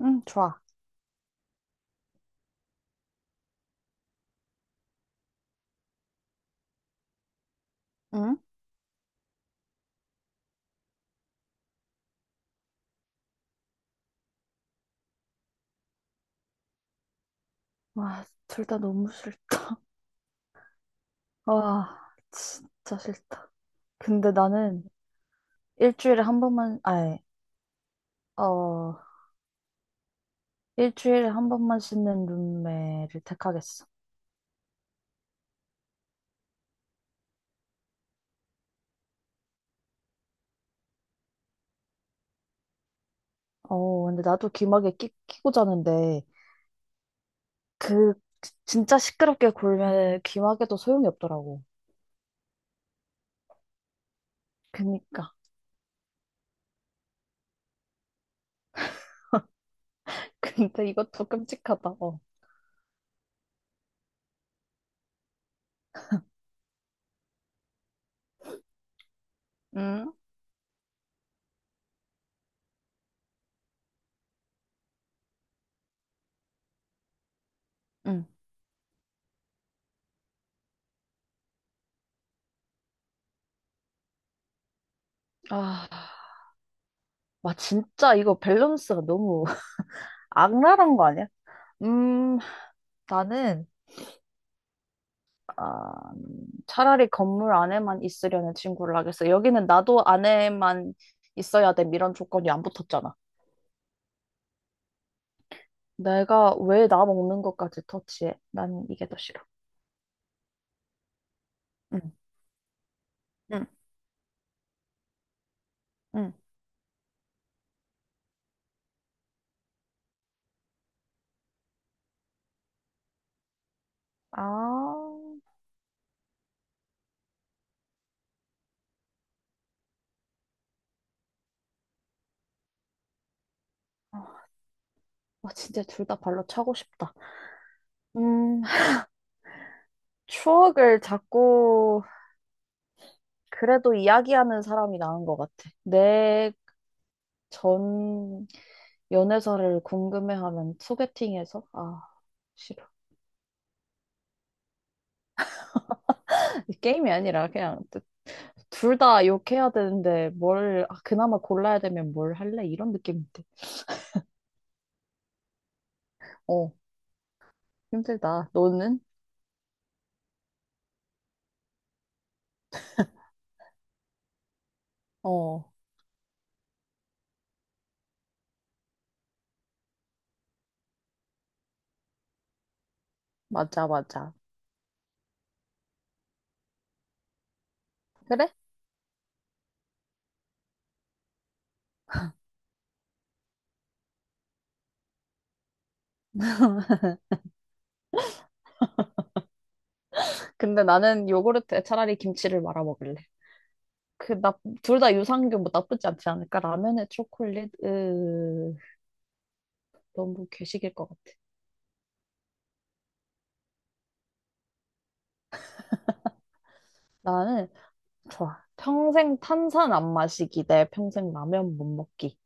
응, 좋아. 응? 와, 둘 다 너무 싫다. 와, 진짜 싫다. 근데 나는 일주일에 한 번만, 아니, 어, 일주일에 한 번만 씻는 룸메를 택하겠어. 어, 근데 나도 귀마개 끼고 자는데, 그, 진짜 시끄럽게 굴면 귀마개도 소용이 없더라고. 그니까. 근데 이것도 끔찍하다. 어. 응? 응. 아, 와, 진짜 이거 밸런스가 너무 악랄한 거 아니야? 음, 나는, 아, 차라리 건물 안에만 있으려는 친구를 하겠어. 여기는 나도 안에만 있어야 돼. 이런 조건이 안 붙었잖아. 내가 왜 나 먹는 것까지 터치해? 난 이게 더 싫어. 응, 응, 응. 아, 와, 진짜 둘 다 발로 차고 싶다. 음, 추억을 자꾸 그래도 이야기하는 사람이 나은 것 같아. 내 전 연애사를 궁금해하면 소개팅에서 아, 싫어. 게임이 아니라 그냥 둘 다 욕해야 되는데 뭘, 아, 그나마 골라야 되면 뭘 할래? 이런 느낌인데. 어, 힘들다. 너는? 어, 맞아, 맞아. 그래? 근데 나는 요구르트에 차라리 김치를 말아 먹을래. 나, 둘 다 유산균 뭐 나쁘지 않지 않을까? 라면에 초콜릿? 으, 너무 괴식일 것 같아. 나는, 좋아. 평생 탄산 안 마시기 대 평생 라면 못 먹기.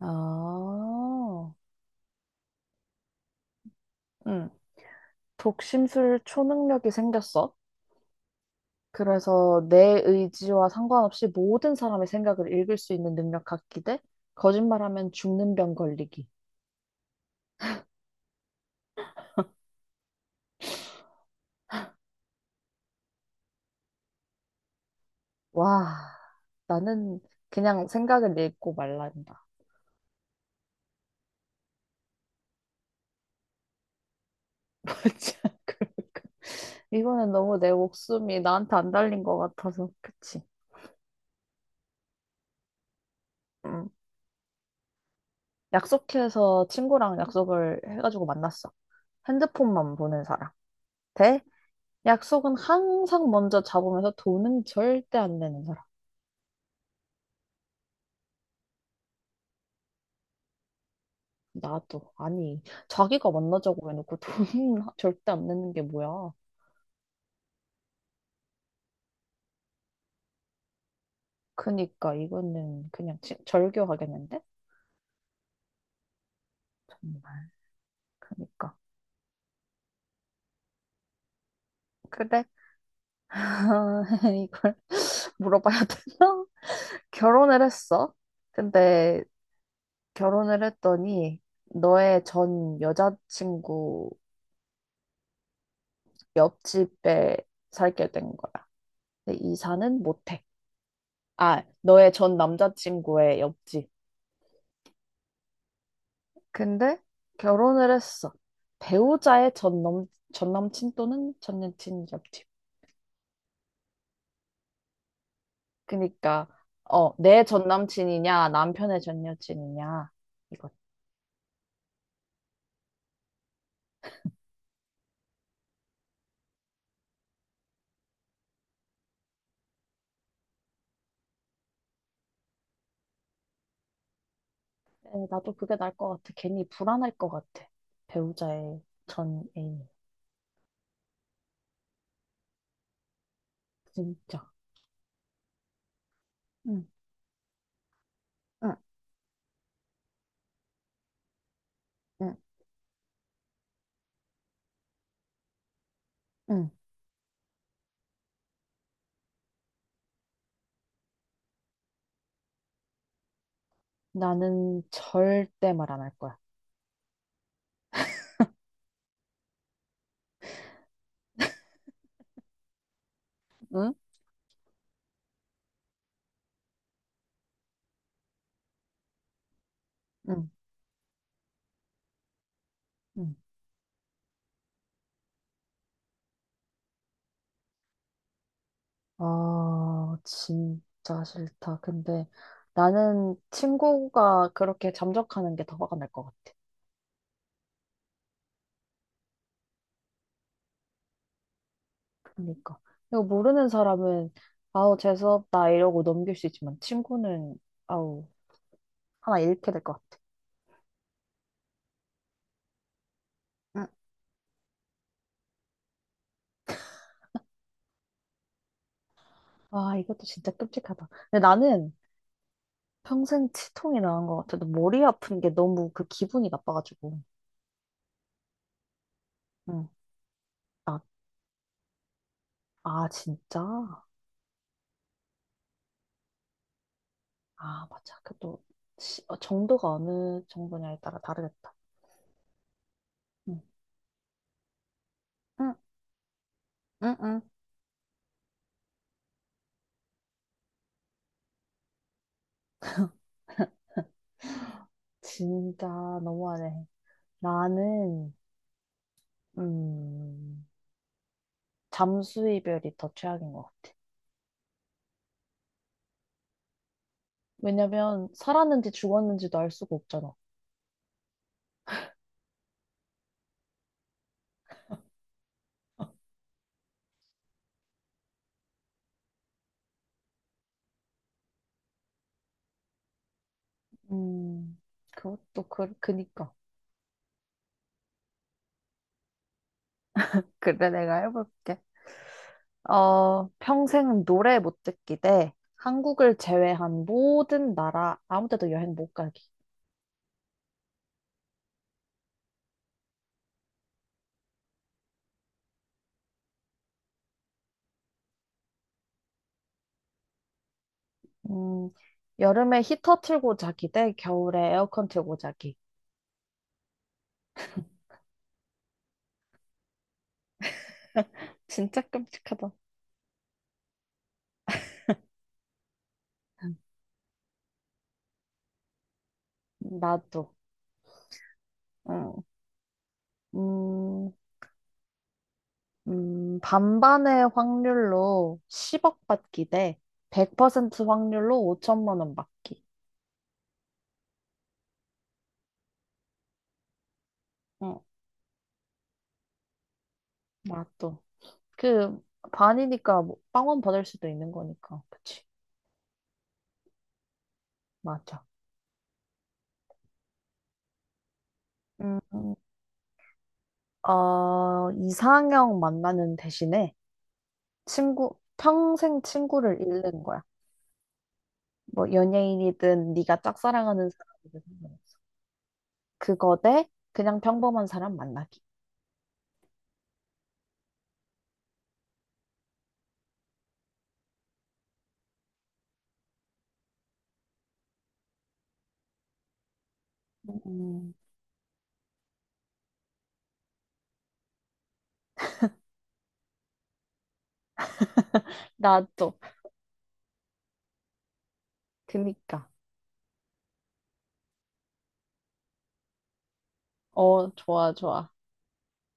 아, 응. 독심술 초능력이 생겼어. 그래서 내 의지와 상관없이 모든 사람의 생각을 읽을 수 있는 능력 갖기 대 거짓말하면 죽는 병 걸리기. 와, 나는 그냥 생각을 읽고 말란다. 진짜 그럴까 이거는 너무 내 목숨이 나한테 안 달린 것 같아서 그치? 음. 약속해서 친구랑 약속을 해가지고 만났어. 핸드폰만 보는 사람. 대 약속은 항상 먼저 잡으면서 돈은 절대 안 내는 사람. 나도 아니 자기가 만나자고 해놓고 돈 절대 안 내는 게 뭐야? 그니까 이거는 그냥 절교하겠는데? 정말 그니까 그래 아, 이걸 물어봐야 되나? 결혼을 했어. 근데 결혼을 했더니 너의 전 여자친구 옆집에 살게 된 거야. 근데 이사는 못해. 아, 너의 전 남자친구의 옆집. 근데 결혼을 했어. 배우자의 전 남친 또는 전 여친 옆집. 그니까, 내 전 남친이냐, 남편의 전 여친이냐, 이거. 에, 나도 그게 나을 것 같아. 괜히 불안할 것 같아. 배우자의 전애인 진짜. 응, 응, 응, 응. 나는 절대 말 안 할 거야. 응? 응, 응. 아, 진짜 싫다. 근데 나는 친구가 그렇게 잠적하는 게 더 화가 날 것 같아. 그러니까. 이거 모르는 사람은, 아우, 재수없다, 이러고 넘길 수 있지만, 친구는, 아우, 하나 잃게 될 것 같아. 응. 아, 이것도 진짜 끔찍하다. 근데 나는 평생 치통이 나은 것 같아도 머리 아픈 게 너무 그 기분이 나빠가지고. 응. 아, 아, 진짜? 아, 맞아. 그것도 정도가 어느 정도냐에 따라 다르겠다. 응. 응응. 진짜 너무하네. 나는, 음, 잠수 이별이 더 최악인 것 같아. 왜냐면, 살았는지 죽었는지도 알 수가 없잖아. 음, 그것도 그니까. 그래, 내가 해볼게. 평생 노래 못 듣기 대 한국을 제외한 모든 나라, 아무 데도 여행 못 가기. 음, 여름에 히터 틀고 자기 대 겨울에 에어컨 틀고 자기. 진짜 끔찍하다. 나도. 응. 음, 반반의 확률로 10억 받기 대 100% 확률로 5천만 원 받기. 어, 맞아. 그, 반이니까 뭐 빵원 받을 수도 있는 거니까. 그치. 맞아. 음, 이상형 만나는 대신에 평생 친구를 잃는 거야. 뭐 연예인이든 네가 짝사랑하는 사람이든 상관없어. 그거 대 그냥 평범한 사람 만나기. 음. 나도. 그니까. 어, 좋아, 좋아.